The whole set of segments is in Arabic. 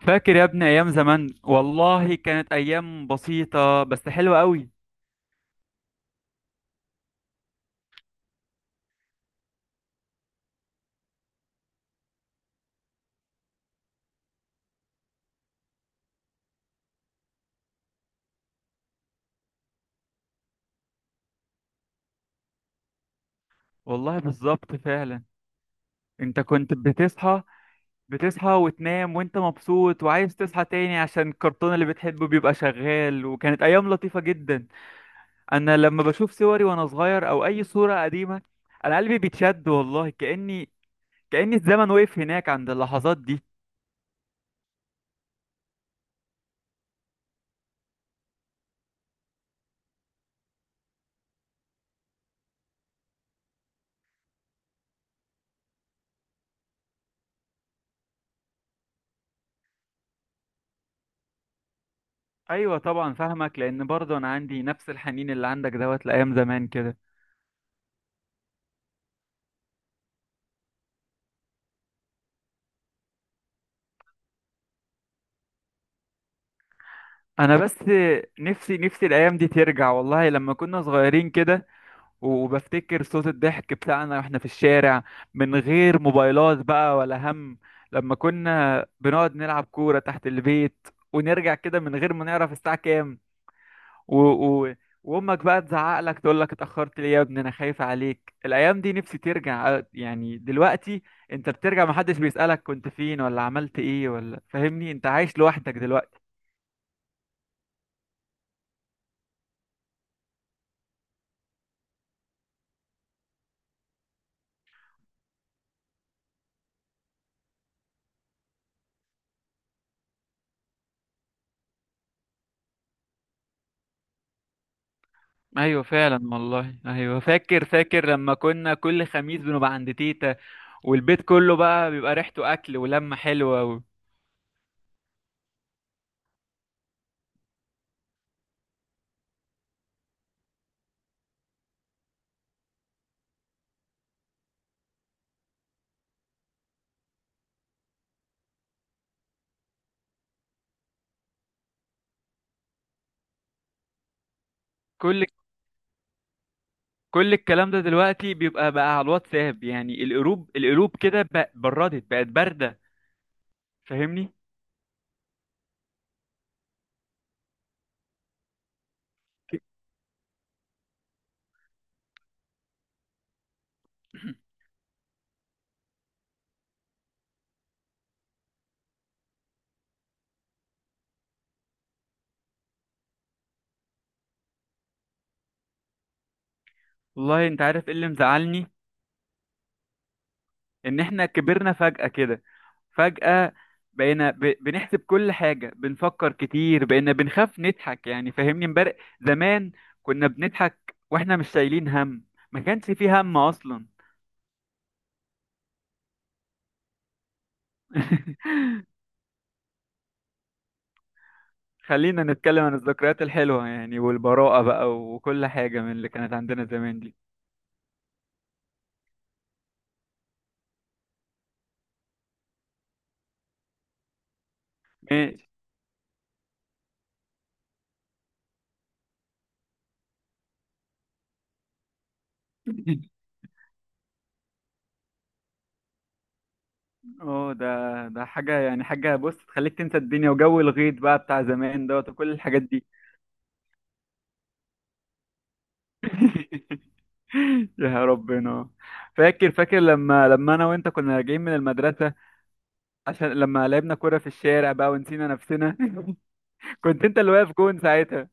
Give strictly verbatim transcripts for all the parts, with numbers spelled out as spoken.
فاكر يا ابني ايام زمان، والله كانت ايام بسيطة بس حلوة قوي. والله بالظبط فعلا. انت كنت بتصحى بتصحى وتنام وانت مبسوط وعايز تصحى تاني عشان الكرتون اللي بتحبه بيبقى شغال، وكانت ايام لطيفة جدا. انا لما بشوف صوري وانا صغير او اي صورة قديمة، انا قلبي بيتشد والله، كأني كأن الزمن وقف هناك عند اللحظات دي. ايوه طبعا فاهمك، لان برضه انا عندي نفس الحنين اللي عندك دوت لايام زمان كده. انا بس نفسي نفسي الايام دي ترجع والله، لما كنا صغيرين كده. وبفتكر صوت الضحك بتاعنا واحنا في الشارع، من غير موبايلات بقى ولا هم. لما كنا بنقعد نلعب كورة تحت البيت ونرجع كده من غير ما نعرف الساعة كام. و... و... وامك بقى تزعق لك تقول لك اتأخرت ليه يا ابني، انا خايفة عليك. الايام دي نفسي ترجع، أ- يعني دلوقتي انت بترجع محدش بيسألك كنت فين ولا عملت ايه ولا. فاهمني، انت عايش لوحدك دلوقتي. ايوه فعلا والله. ايوه فاكر فاكر لما كنا كل خميس بنبقى عند تيتا، والبيت كله بقى بيبقى ريحته اكل ولمه حلوه. وكل كل الكلام ده دلوقتي بيبقى بقى على الواتساب، يعني القلوب القلوب كده بق- بردت، بقت بارده. فاهمني. والله انت عارف ايه اللي مزعلني؟ ان احنا كبرنا فجأة كده، فجأة. بقينا ب... بنحسب كل حاجة، بنفكر كتير، بقينا بنخاف نضحك، يعني فاهمني. امبارح زمان كنا بنضحك واحنا مش شايلين هم، ما كانش فيه هم أصلا. خلينا نتكلم عن الذكريات الحلوة يعني، والبراءة بقى وكل حاجة من اللي كانت عندنا زمان دي. ماشي. اه، ده ده حاجة يعني، حاجة بص تخليك تنسى الدنيا، وجو الغيط بقى بتاع زمان دوت وكل الحاجات دي. يا ربنا، فاكر فاكر لما لما انا وانت كنا راجعين من المدرسه، عشان لما لعبنا كوره في الشارع بقى ونسينا نفسنا. كنت انت اللي واقف جون ساعتها.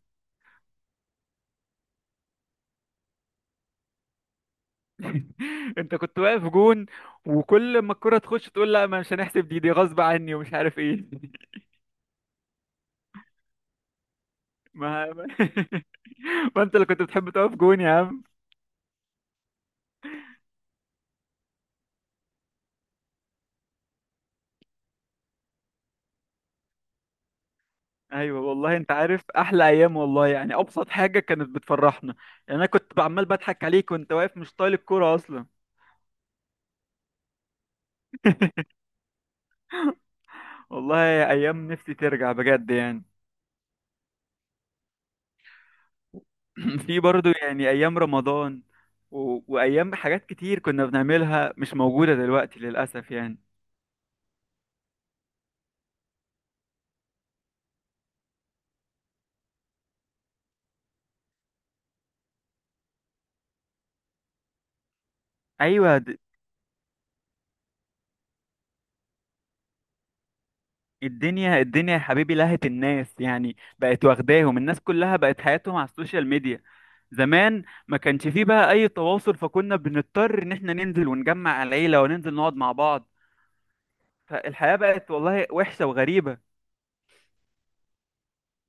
انت كنت واقف جون، وكل ما الكوره تخش تقول لا ما مش هنحسب، دي دي غصب عني ومش عارف ايه. ما ما ما انت اللي كنت بتحب تقف جون يا عم. ايوه والله، انت عارف احلى ايام والله يعني، ابسط حاجه كانت بتفرحنا، يعني انا كنت عمال بضحك عليك وانت واقف مش طايل الكوره اصلا. والله ايام نفسي ترجع بجد يعني. في برضو يعني ايام رمضان، و... وايام حاجات كتير كنا بنعملها مش موجودة دلوقتي للاسف يعني. ايوه، د... الدنيا الدنيا يا حبيبي، لهت الناس يعني، بقت واخداهم، الناس كلها بقت حياتهم على السوشيال ميديا. زمان ما كانش فيه بقى اي تواصل، فكنا بنضطر ان احنا ننزل ونجمع العيلة وننزل نقعد مع بعض. فالحياة بقت والله وحشة وغريبة.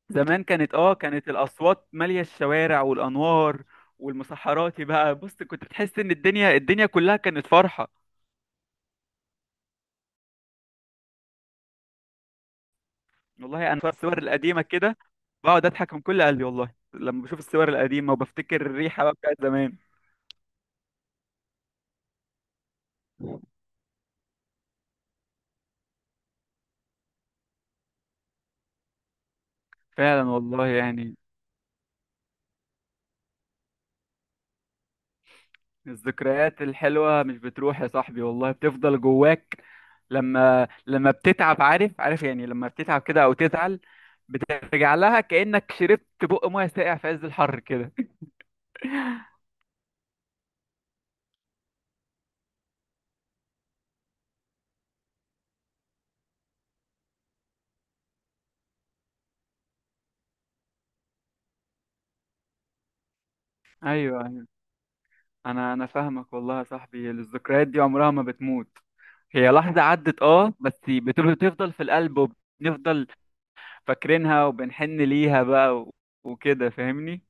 زمان كانت اه كانت الاصوات ماليه الشوارع والانوار والمسحراتي بقى. بص، كنت بتحس ان الدنيا الدنيا كلها كانت فرحه. والله انا في الصور القديمه كده بقعد اضحك من كل قلبي والله، لما بشوف الصور القديمه وبفتكر الريحه بقى بتاعت زمان. فعلا والله يعني، الذكريات الحلوه مش بتروح يا صاحبي والله، بتفضل جواك. لما لما بتتعب، عارف، عارف يعني، لما بتتعب كده او تزعل، بترجع لها كانك شربت بق ميه ساقع في عز الحر كده. ايوه، انا انا فاهمك والله يا صاحبي، الذكريات دي عمرها ما بتموت، هي لحظة عدت اه بس بت- بتفضل في القلب، وبنفضل فاكرينها وبنحن ليها بقى و- وكده فاهمني.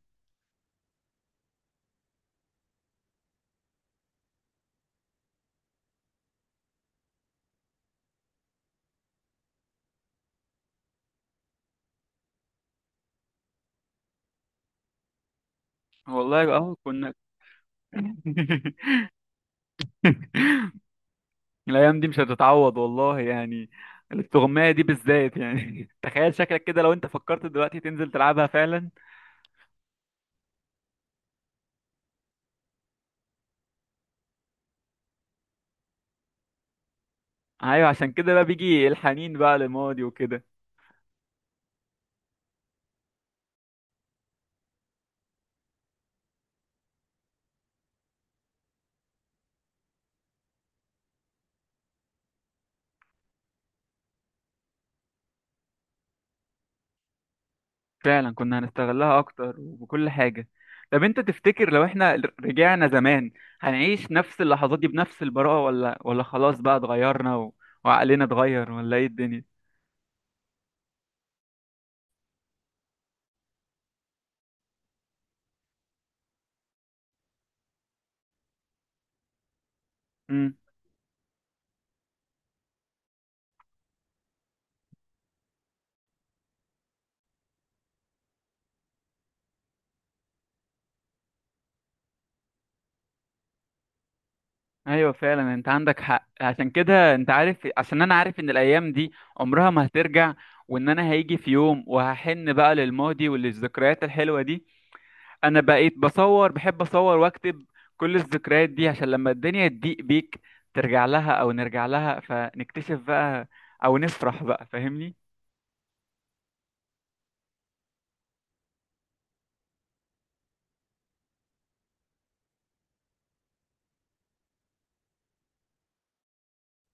والله اه كنا. الايام دي مش هتتعوض والله يعني، الاستغماية دي بالذات يعني. تخيل شكلك كده لو انت فكرت دلوقتي تنزل تلعبها فعلا. ايوه عشان كده بقى بيجي الحنين بقى للماضي وكده. فعلا كنا هنستغلها اكتر وبكل حاجة. طب انت تفتكر لو احنا رجعنا زمان هنعيش نفس اللحظات دي بنفس البراءة، ولا ولا خلاص بقى اتغيرنا و... وعقلنا اتغير، ولا ايه الدنيا؟ امم، ايوه فعلا انت عندك حق. عشان كده انت عارف، عشان انا عارف ان الايام دي عمرها ما هترجع، وان انا هيجي في يوم وهحن بقى للماضي وللذكريات الحلوة دي. انا بقيت بصور، بحب اصور واكتب كل الذكريات دي، عشان لما الدنيا تضيق بيك ترجع لها، او نرجع لها فنكتشف بقى، او نفرح بقى فاهمني.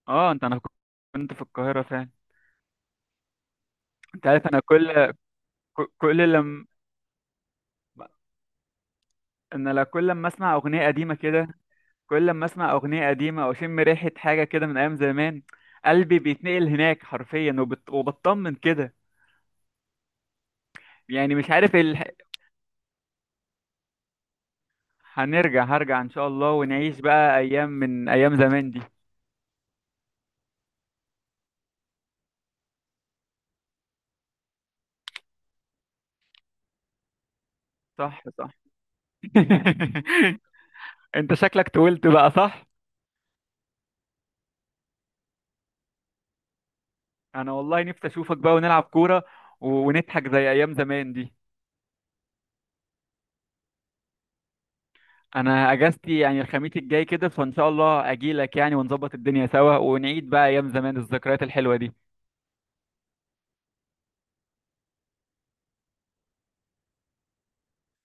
اه، انت انا كنت في القاهرة فعلا. انت عارف انا كل. كل لما انا لا كل لما اسمع اغنية قديمة كده، كل لما اسمع اغنية قديمة او اشم ريحة حاجة كده من ايام زمان، قلبي بيتنقل هناك حرفيا، وبت... وبطمن كده. يعني مش عارف ال... هنرجع، هرجع ان شاء الله ونعيش بقى ايام من ايام زمان دي. صح، صح. انت شكلك طولت بقى، صح. انا والله نفسي اشوفك بقى ونلعب كورة و- ونضحك زي ايام زمان دي. انا اجازتي يعني الخميس الجاي كده، فان شاء الله اجيلك يعني ونظبط الدنيا سوا ونعيد بقى ايام زمان، الذكريات الحلوة دي.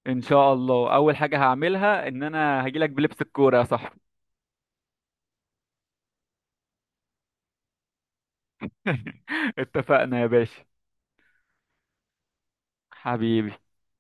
ان شاء الله اول حاجة هعملها ان انا هجيلك بلبس الكورة يا صاحبي. اتفقنا يا باشا. حبيبي.